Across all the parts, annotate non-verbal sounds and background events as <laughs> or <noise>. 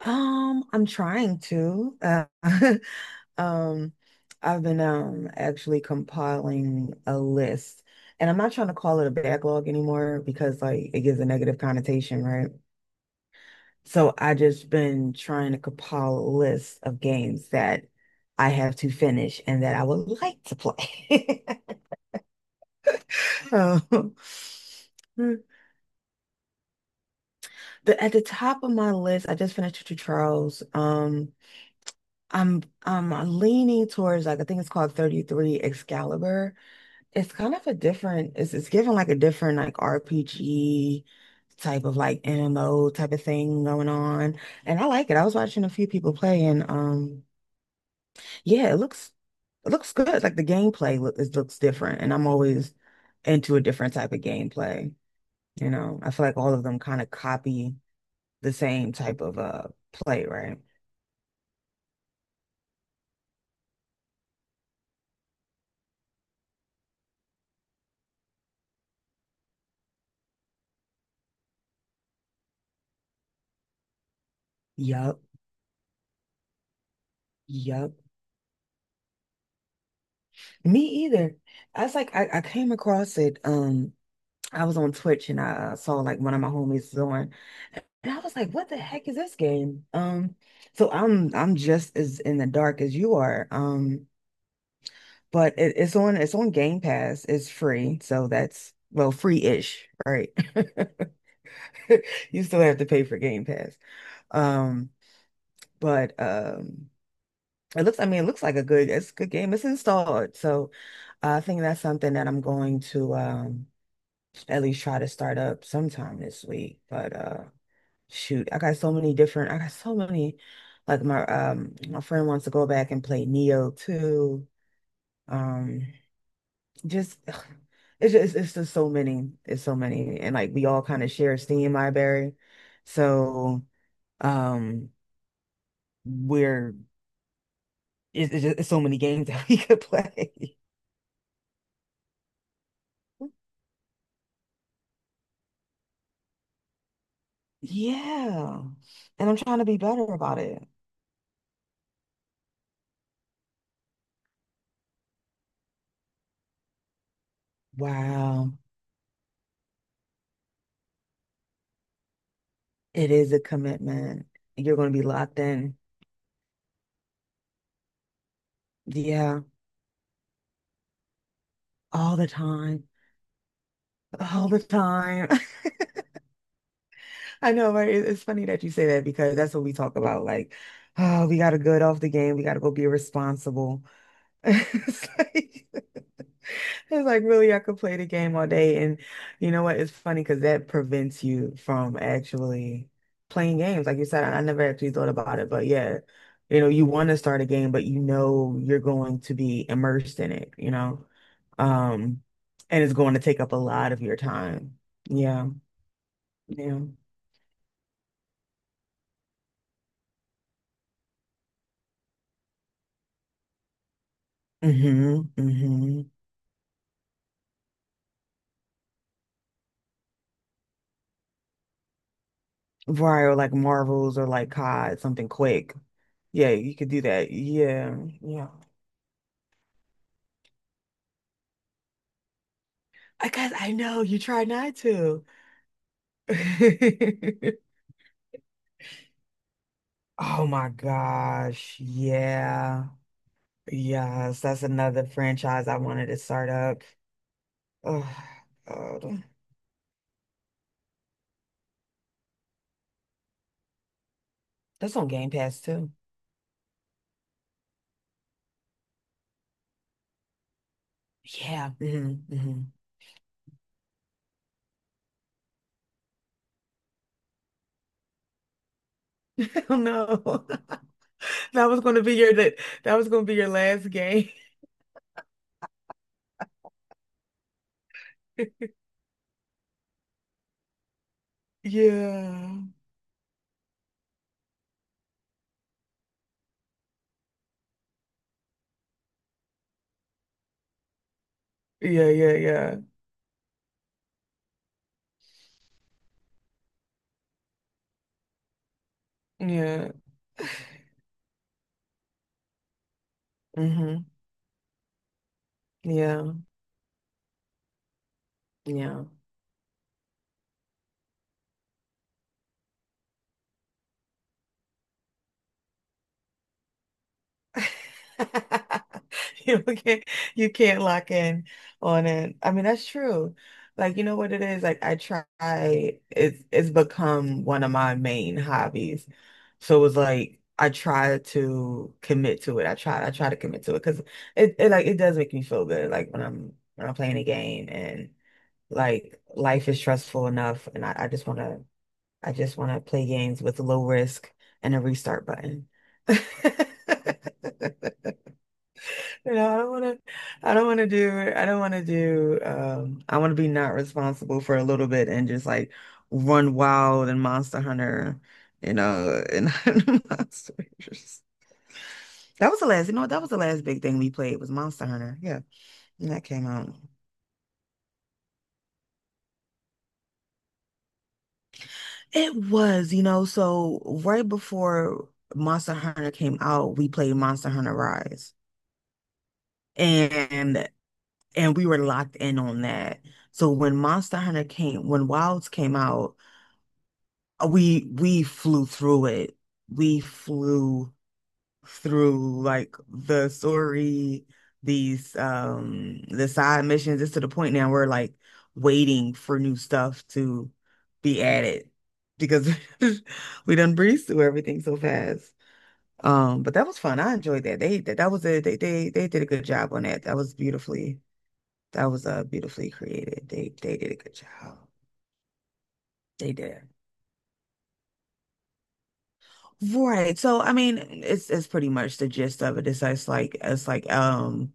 I'm trying to. <laughs> Um, I've been actually compiling a list, and I'm not trying to call it a backlog anymore because like it gives a negative connotation, right? So I just been trying to compile a list of games that I have to finish and that I would like to play. <laughs> Um, the, at the top of my list, I just finished Two Charles. I'm leaning towards like I think it's called 33 Excalibur. It's given like a different like RPG type of like MMO type of thing going on. And I like it. I was watching a few people play and yeah, it looks good. It looks different and I'm always into a different type of gameplay. You know, I feel like all of them kind of copy the same type of play, right? Yup. Yup. Me either. I came across it. I was on Twitch and I saw like one of my homies on, and I was like, what the heck is this game? So I'm just as in the dark as you are. But it's on it's on Game Pass. It's free, so that's well, free-ish, right? <laughs> You still have to pay for Game Pass. Um, but it looks. I mean, it looks like a good. It's a good game. It's installed, so I think that's something that I'm going to. At least try to start up sometime this week. But shoot, I got so many like my friend wants to go back and play Neo too. Um just <sighs> ugh, it's just so many. It's so many. And like we all kind of share a Steam library. So um we're it's so many games <laughs> that we could play. Yeah. And I'm trying to be better about it. Wow. It is a commitment. You're going to be locked in. Yeah, all the time. All the time. <laughs> I know, right? It- It's funny that you say that because that's what we talk about. Like, oh, we got to good off the game. We got to go be responsible. <laughs> It's like, It's like really, I could play the game all day. And you know what? It's funny because that prevents you from actually playing games. Like you said, I never actually thought about it, but yeah, you know, you want to start a game, but you know you're going to be immersed in it, you know? Um, and it's going to take up a lot of your time. Yeah. Yeah. hmm hmm Right, or like Marvels or like COD, something quick. Yeah, you could do that. Yeah. Yeah. I guess I know you try not to. <laughs> Oh my gosh. Yeah. Yes, that's another franchise I wanted to start up. Oh, God. That's on Game Pass too. Yeah. <laughs> Oh no. <laughs> That was gonna be your last game. <laughs> Yeah. Yeah, yeah, yeah. Yeah. hmm Yeah. Yeah. <laughs> <laughs> You can't you can't lock in on it. I mean, that's true. Like, you know what it is? Like I try it's become one of my main hobbies. So it was like I try to commit to it. I try to commit to it because it like it does make me feel good. Like when I'm playing a game and like life is stressful enough and I just wanna play games with low risk and a restart button. <laughs> You know, I don't want to, I want to be not responsible for a little bit and just like run wild and Monster Hunter, you know, and <laughs> hunt monsters. That was the last big thing we played was Monster Hunter. Yeah. And that came out. It was, you know, so right before Monster Hunter came out, we played Monster Hunter Rise. And and we were locked in on that. So when Wilds came out, we flew through it. We flew through like the story, the side missions. It's to the point now we're like waiting for new stuff to be added because <laughs> we done breezed through everything so fast. But that was fun. I enjoyed that. That was a they did a good job on that. That was beautifully created. They did a good job. They did. Right. So I mean, it's pretty much the gist of it. It's like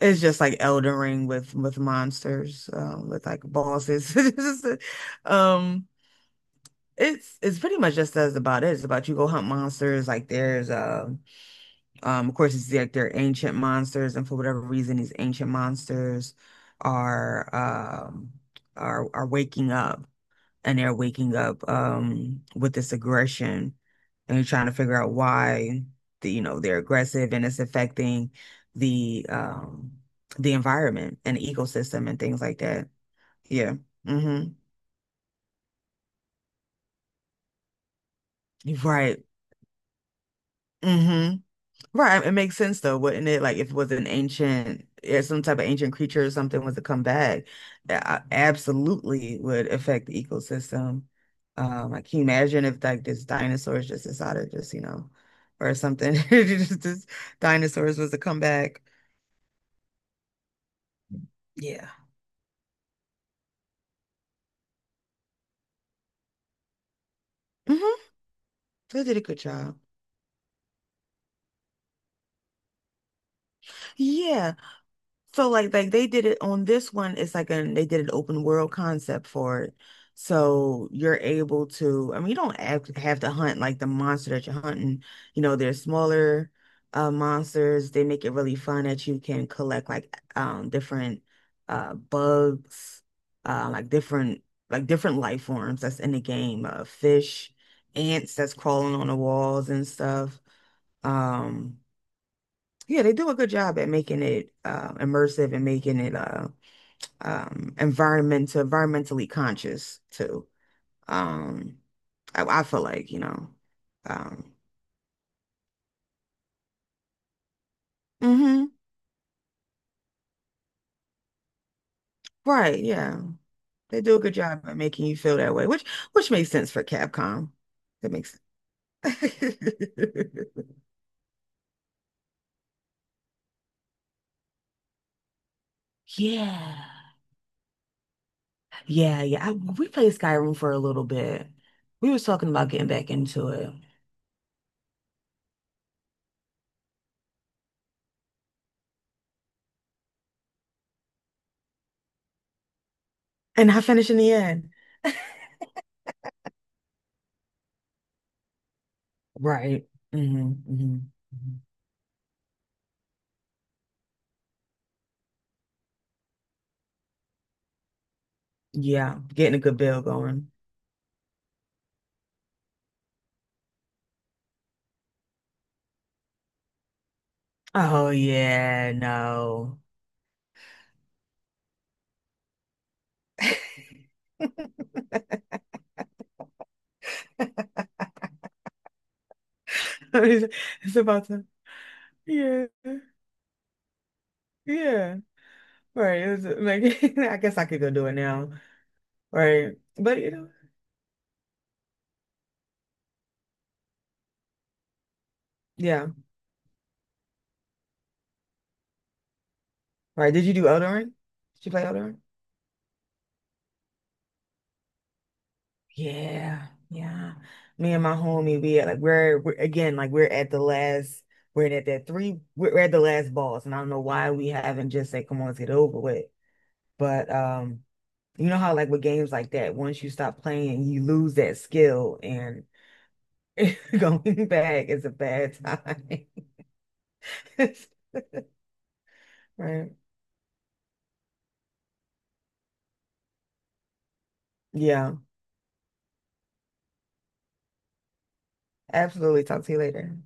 it's just like Elden Ring with monsters, with like bosses. <laughs> Um it's pretty much just as about it. It's about you go hunt monsters, like there's of course it's like they're ancient monsters, and for whatever reason these ancient monsters are um are waking up and they're waking up with this aggression and you're trying to figure out why you know they're aggressive and it's affecting the um the environment and the ecosystem and things like that. Yeah. Mm-hmm. Right. Mm-hmm. Right, it makes sense though, wouldn't it? Like if it was an ancient, if some type of ancient creature or something was to come back, that absolutely would affect the ecosystem. Like can you imagine if like this dinosaurs just decided just, you know, or something, <laughs> just dinosaurs was to come back. Yeah. Mm-hmm. They did a good job. Yeah. Like they did it on this one, it's like an they did an open world concept for it. So you're able to, I mean, you don't have to hunt like the monster that you're hunting. You know, there's smaller monsters. They make it really fun that you can collect like different bugs, uh like different like different life forms that's in the game. Uh, fish, ants that's crawling on the walls and stuff. Um yeah, they do a good job at making it immersive and making it environmentally conscious too. Um, I feel like, you know, um, hmm right, yeah, they do a good job at making you feel that way, which makes sense for Capcom. That makes sense. <laughs> Yeah, yeah, yeah. We played Skyrim for a little bit. We was talking about getting back into it, and I finished in the end. Right. hmm hmm Yeah, getting a good bill going. Oh yeah, no. <laughs> It's about to. Yeah, yeah. Right. It was like <laughs> I guess I could go do it now. Right. But you know, yeah. Right. Did you do Eldering? Did you play Eldering? Yeah, yeah. Me and my homie, we at like we're again like we're at the last. We're at that three. We're at the last boss, and I don't know why we haven't just said, "Come on, let's get it over with." But. You know how like with games like that, once you stop playing, you lose that skill and <laughs> going back is a bad time. <laughs> Right. Yeah. Absolutely. Talk to you later.